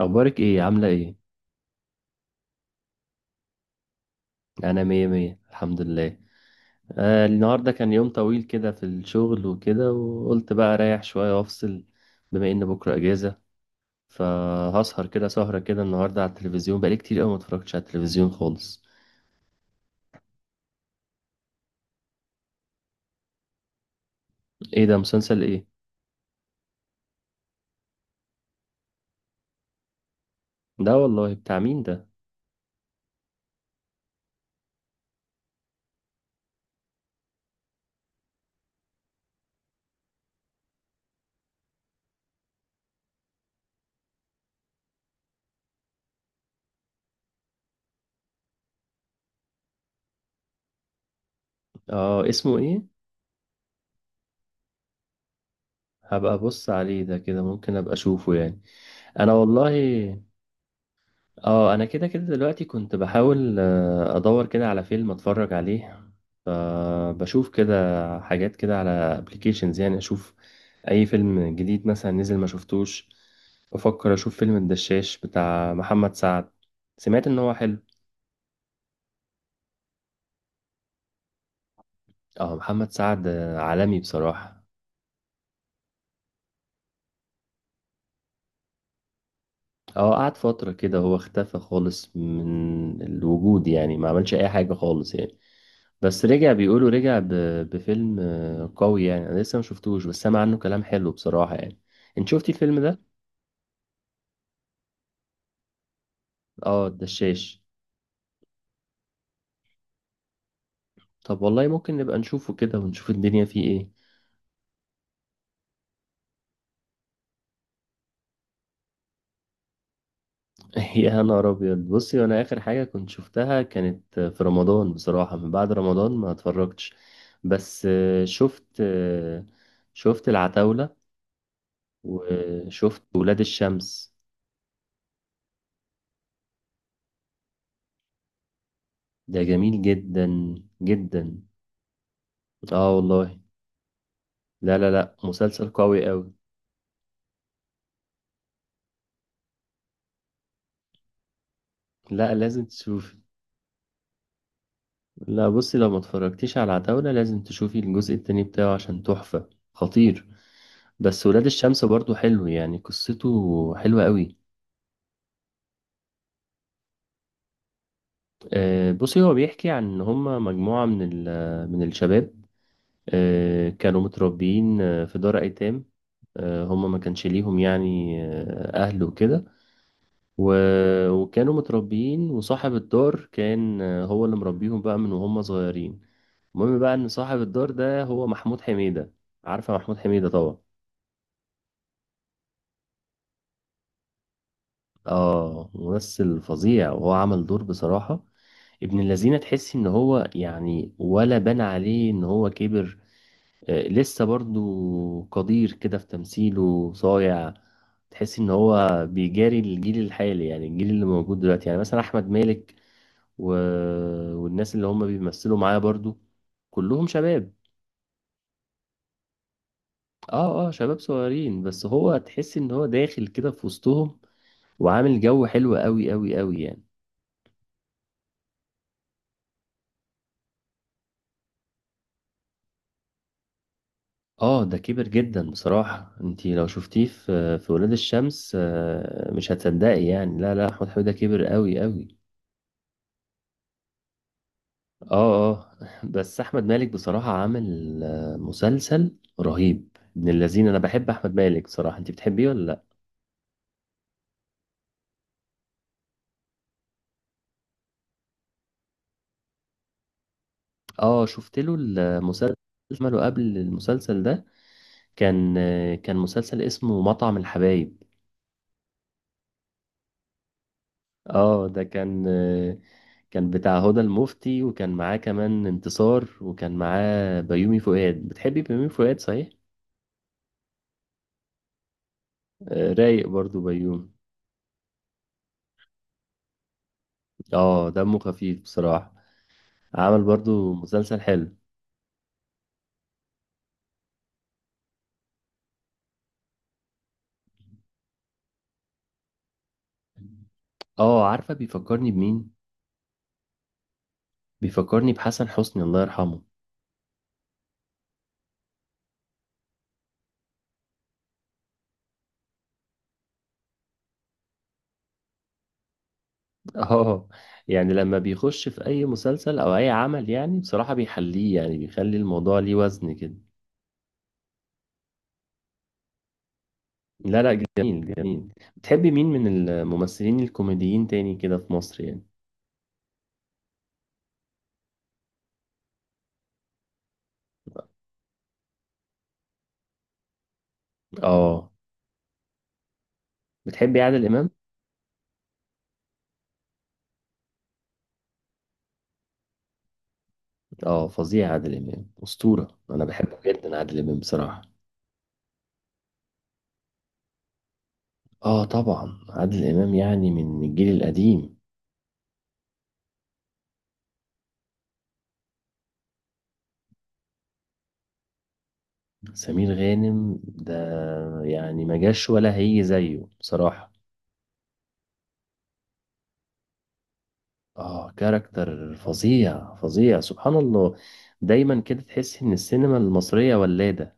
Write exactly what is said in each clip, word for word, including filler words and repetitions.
اخبارك ايه؟ عامله ايه؟ انا مية مية الحمد لله. آه النهارده كان يوم طويل كده في الشغل وكده، وقلت بقى اريح شويه وافصل، بما ان بكره اجازه. فهسهر كده سهره كده النهارده على التلفزيون، بقالي كتير قوي ما اتفرجتش على التلفزيون خالص. ايه ده؟ مسلسل ايه؟ ده والله بتاع مين ده؟ اه، اسمه ايه؟ هبقى ابص عليه ده كده، ممكن ابقى اشوفه يعني. انا والله. اه، انا كده كده دلوقتي كنت بحاول آه، ادور كده على فيلم اتفرج عليه. فبشوف كده حاجات كده على ابلكيشنز، يعني اشوف اي فيلم جديد مثلا نزل ما شفتوش. بفكر اشوف فيلم الدشاش بتاع محمد سعد، سمعت ان هو حلو. اه، محمد سعد آه، عالمي بصراحة. اه، قعد فترة كده هو اختفى خالص من الوجود، يعني ما عملش أي حاجة خالص يعني. بس رجع، بيقولوا رجع ب... بفيلم آه، قوي يعني. أنا لسه ما شفتوش بس سامع عنه كلام حلو بصراحة يعني. انت شفتي الفيلم ده؟ اه، الدشاش. طب والله ممكن نبقى نشوفه كده ونشوف الدنيا فيه ايه. يا نهار أبيض! بصي، وأنا آخر حاجة كنت شفتها كانت في رمضان بصراحة، من بعد رمضان ما اتفرجتش. بس آه، شفت آه، شفت العتاولة، وشفت ولاد الشمس. ده جميل جدا، جدا. اه والله. لا لا لا، مسلسل قوي قوي. لا، لازم تشوفي. لا بصي، لو ما اتفرجتيش على عتاولة لازم تشوفي الجزء التاني بتاعه عشان تحفة، خطير. بس ولاد الشمس برضو حلو يعني، قصته حلوة قوي. آه بصي، هو بيحكي عن ان هما مجموعة من ال- من الشباب. آه كانوا متربيين آه، في دار ايتام. آه، هما ما كانش ليهم يعني آه، اهل وكده، و... وكانوا متربيين. وصاحب الدار كان آه، هو اللي مربيهم بقى من وهم صغيرين. المهم بقى ان صاحب الدار ده هو محمود حميدة. عارفة محمود حميدة طبعا. اه، ممثل فظيع، وهو عمل دور بصراحة ابن الذين. تحس ان هو يعني ولا بان عليه ان هو كبر. آه، لسه برضو قدير كده في تمثيله، صايع. تحس ان هو بيجاري الجيل الحالي يعني، الجيل اللي موجود دلوقتي، يعني مثلا احمد مالك و... والناس اللي هم بيمثلوا معاه برضو، كلهم شباب. اه اه، شباب صغيرين، بس هو تحس ان هو داخل كده في وسطهم، وعامل جو حلو قوي قوي قوي يعني. اه، ده كبر جدا بصراحة. انتي لو شفتيه في في ولاد الشمس آه، مش هتصدقي يعني. لا لا، احمد حميدة كبر قوي قوي. اه اه، بس احمد مالك بصراحة عامل آه، مسلسل رهيب ابن الذين. انا بحب احمد مالك بصراحة، انتي بتحبيه ولا لا؟ اه، شفت له المسلسل اللي عمله قبل المسلسل ده؟ كان كان مسلسل اسمه مطعم الحبايب. اه، ده كان كان بتاع هدى المفتي، وكان معاه كمان انتصار، وكان معاه بيومي فؤاد. بتحبي بيومي فؤاد صحيح؟ آه، رايق برضو بيومي. اه، دمه خفيف بصراحة. عمل برضو مسلسل حلو. اه، عارفة بيفكرني بمين؟ بيفكرني بحسن حسني، الله يرحمه. اه، يعني لما بيخش في اي مسلسل او اي عمل يعني بصراحة بيحليه، يعني بيخلي الموضوع ليه وزن كده. لا لا، جميل جميل. بتحبي مين من الممثلين الكوميديين تاني كده في مصر يعني؟ اه، بتحبي عادل امام؟ اه فظيع، عادل امام اسطورة، انا بحبه جدا عادل امام بصراحة. اه طبعا، عادل امام يعني من الجيل القديم. سمير غانم ده يعني ما جاش ولا هيجي زيه بصراحة. اه، كاركتر فظيع فظيع، سبحان الله. دايما كده تحس ان السينما المصرية ولادة.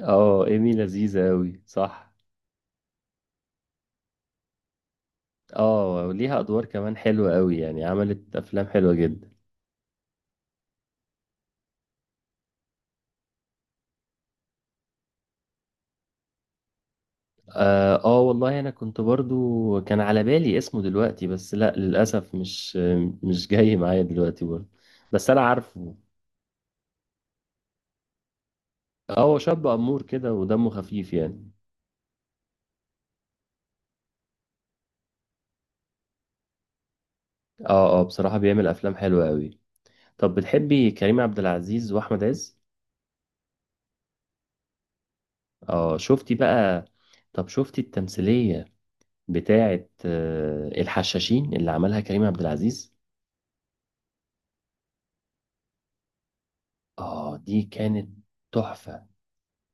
اه، ايمي لذيذة اوي صح. اه، وليها ادوار كمان حلوة اوي يعني، عملت افلام حلوة جدا. اه، آه، والله انا كنت برضو كان على بالي اسمه دلوقتي بس لا للاسف، مش مش جاي معايا دلوقتي برضو، بس انا عارفه. اه، هو شاب امور كده ودمه خفيف يعني. اه اه، بصراحة بيعمل افلام حلوة اوي. طب بتحبي كريم عبد العزيز واحمد عز؟ اه شفتي بقى؟ طب شفتي التمثيلية بتاعت آه، الحشاشين اللي عملها كريم عبد العزيز؟ اه، دي كانت تحفة.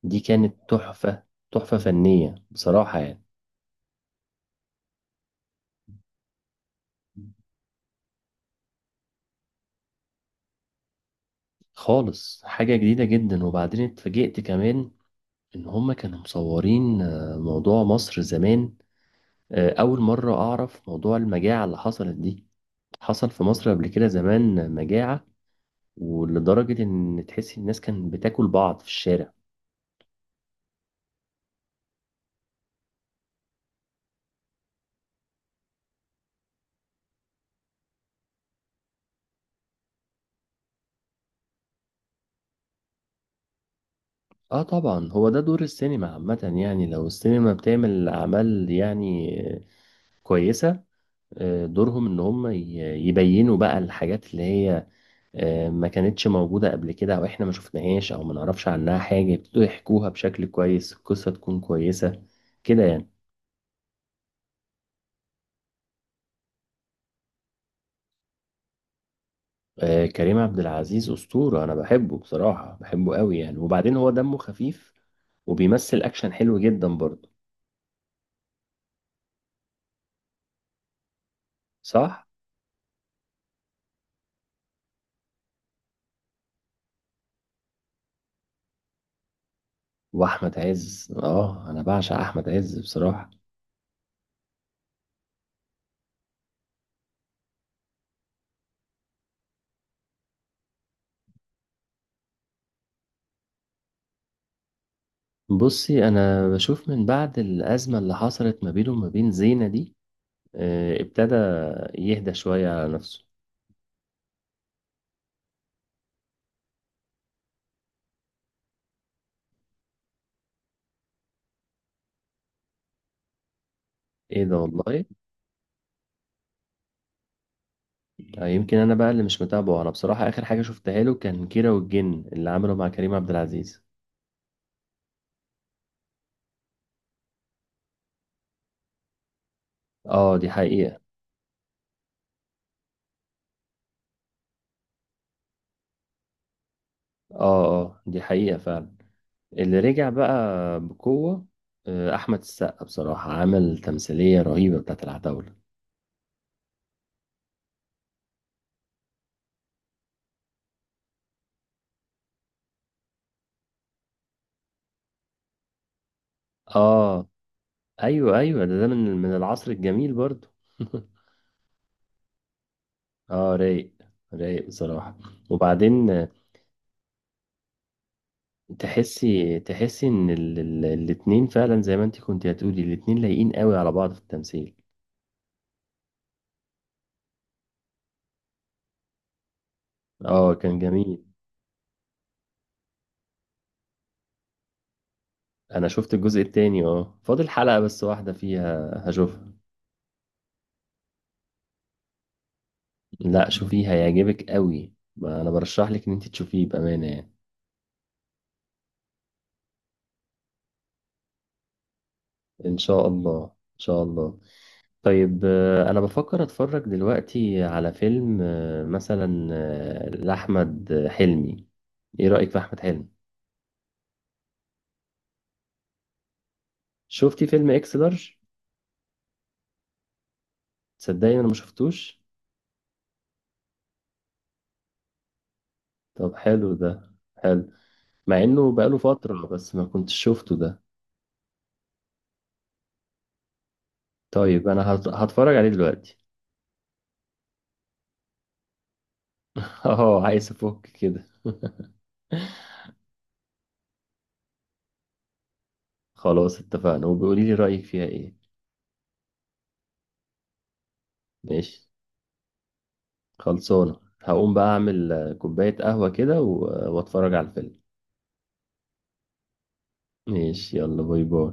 دي كانت تحفة، تحفة فنية بصراحة يعني. خالص حاجة جديدة جدا. وبعدين اتفاجئت كمان ان هما كانوا مصورين آه، موضوع مصر زمان. آه، اول مرة اعرف موضوع المجاعة اللي حصلت دي، حصل في مصر قبل كده زمان مجاعة، ولدرجة ان تحسي الناس كانت بتاكل بعض في الشارع. اه طبعا، هو ده دور السينما عامة. يعني لو السينما بتعمل أعمال يعني كويسة، آه، دورهم إن هم ي- يبينوا بقى الحاجات اللي هي آه، ما كانتش موجودة قبل كده، أو إحنا ما شفناهاش أو ما نعرفش عنها حاجة، يبتدوا يحكوها بشكل كويس، القصة تكون كويسة كده يعني. آه، كريم عبد العزيز أسطورة، أنا بحبه بصراحة، بحبه قوي يعني. وبعدين هو دمه خفيف وبيمثل أكشن حلو جدا برضه، صح؟ وأحمد عز، آه أنا بعشق أحمد عز بصراحة. بصي، انا بشوف من بعد الازمه اللي حصلت ما بينه وما بين زينه دي، آه، ابتدى يهدى شويه على نفسه. ايه ده والله. آه، يمكن انا بقى اللي مش متابعه. انا بصراحه اخر حاجه شفتها له كان كيرة والجن اللي عمله مع كريم عبد العزيز. اه دي حقيقه. اه اه، دي حقيقه فعلا. اللي رجع بقى بقوه آه، احمد السقا. بصراحه عمل تمثيليه رهيبه بتاعت العتاوله. اه ايوه ايوه، ده, ده من من العصر الجميل برضو. اه، رايق، رايق بصراحة. وبعدين آه، تحسي تحسي ان ال... ال... الاتنين فعلا، زي ما انت كنت هتقولي، الاتنين لايقين قوي على بعض في التمثيل. اه كان جميل. انا شفت الجزء التاني، اه فاضل حلقة بس واحدة فيها هشوفها. لا شوفيه، هيعجبك قوي. ما انا برشح لك ان انت تشوفيه بأمانة يعني. ان شاء الله ان شاء الله. طيب آه، انا بفكر اتفرج دلوقتي على فيلم آه، مثلا آه، لاحمد حلمي. ايه رأيك في احمد حلمي؟ شفتي فيلم اكس لارج؟ تصدقني انا ما شفتوش. طب حلو ده؟ حلو. مع انه بقاله فترة بس ما كنتش شفته ده. طيب انا هت- هتفرج عليه دلوقتي. اه، عايز افك كده. خلاص اتفقنا، وبيقولي لي رأيك فيها ايه. ماشي، خلصانة. هقوم بقى اعمل آه، كوباية قهوة كده و- واتفرج على الفيلم. ماشي، يلا باي باي.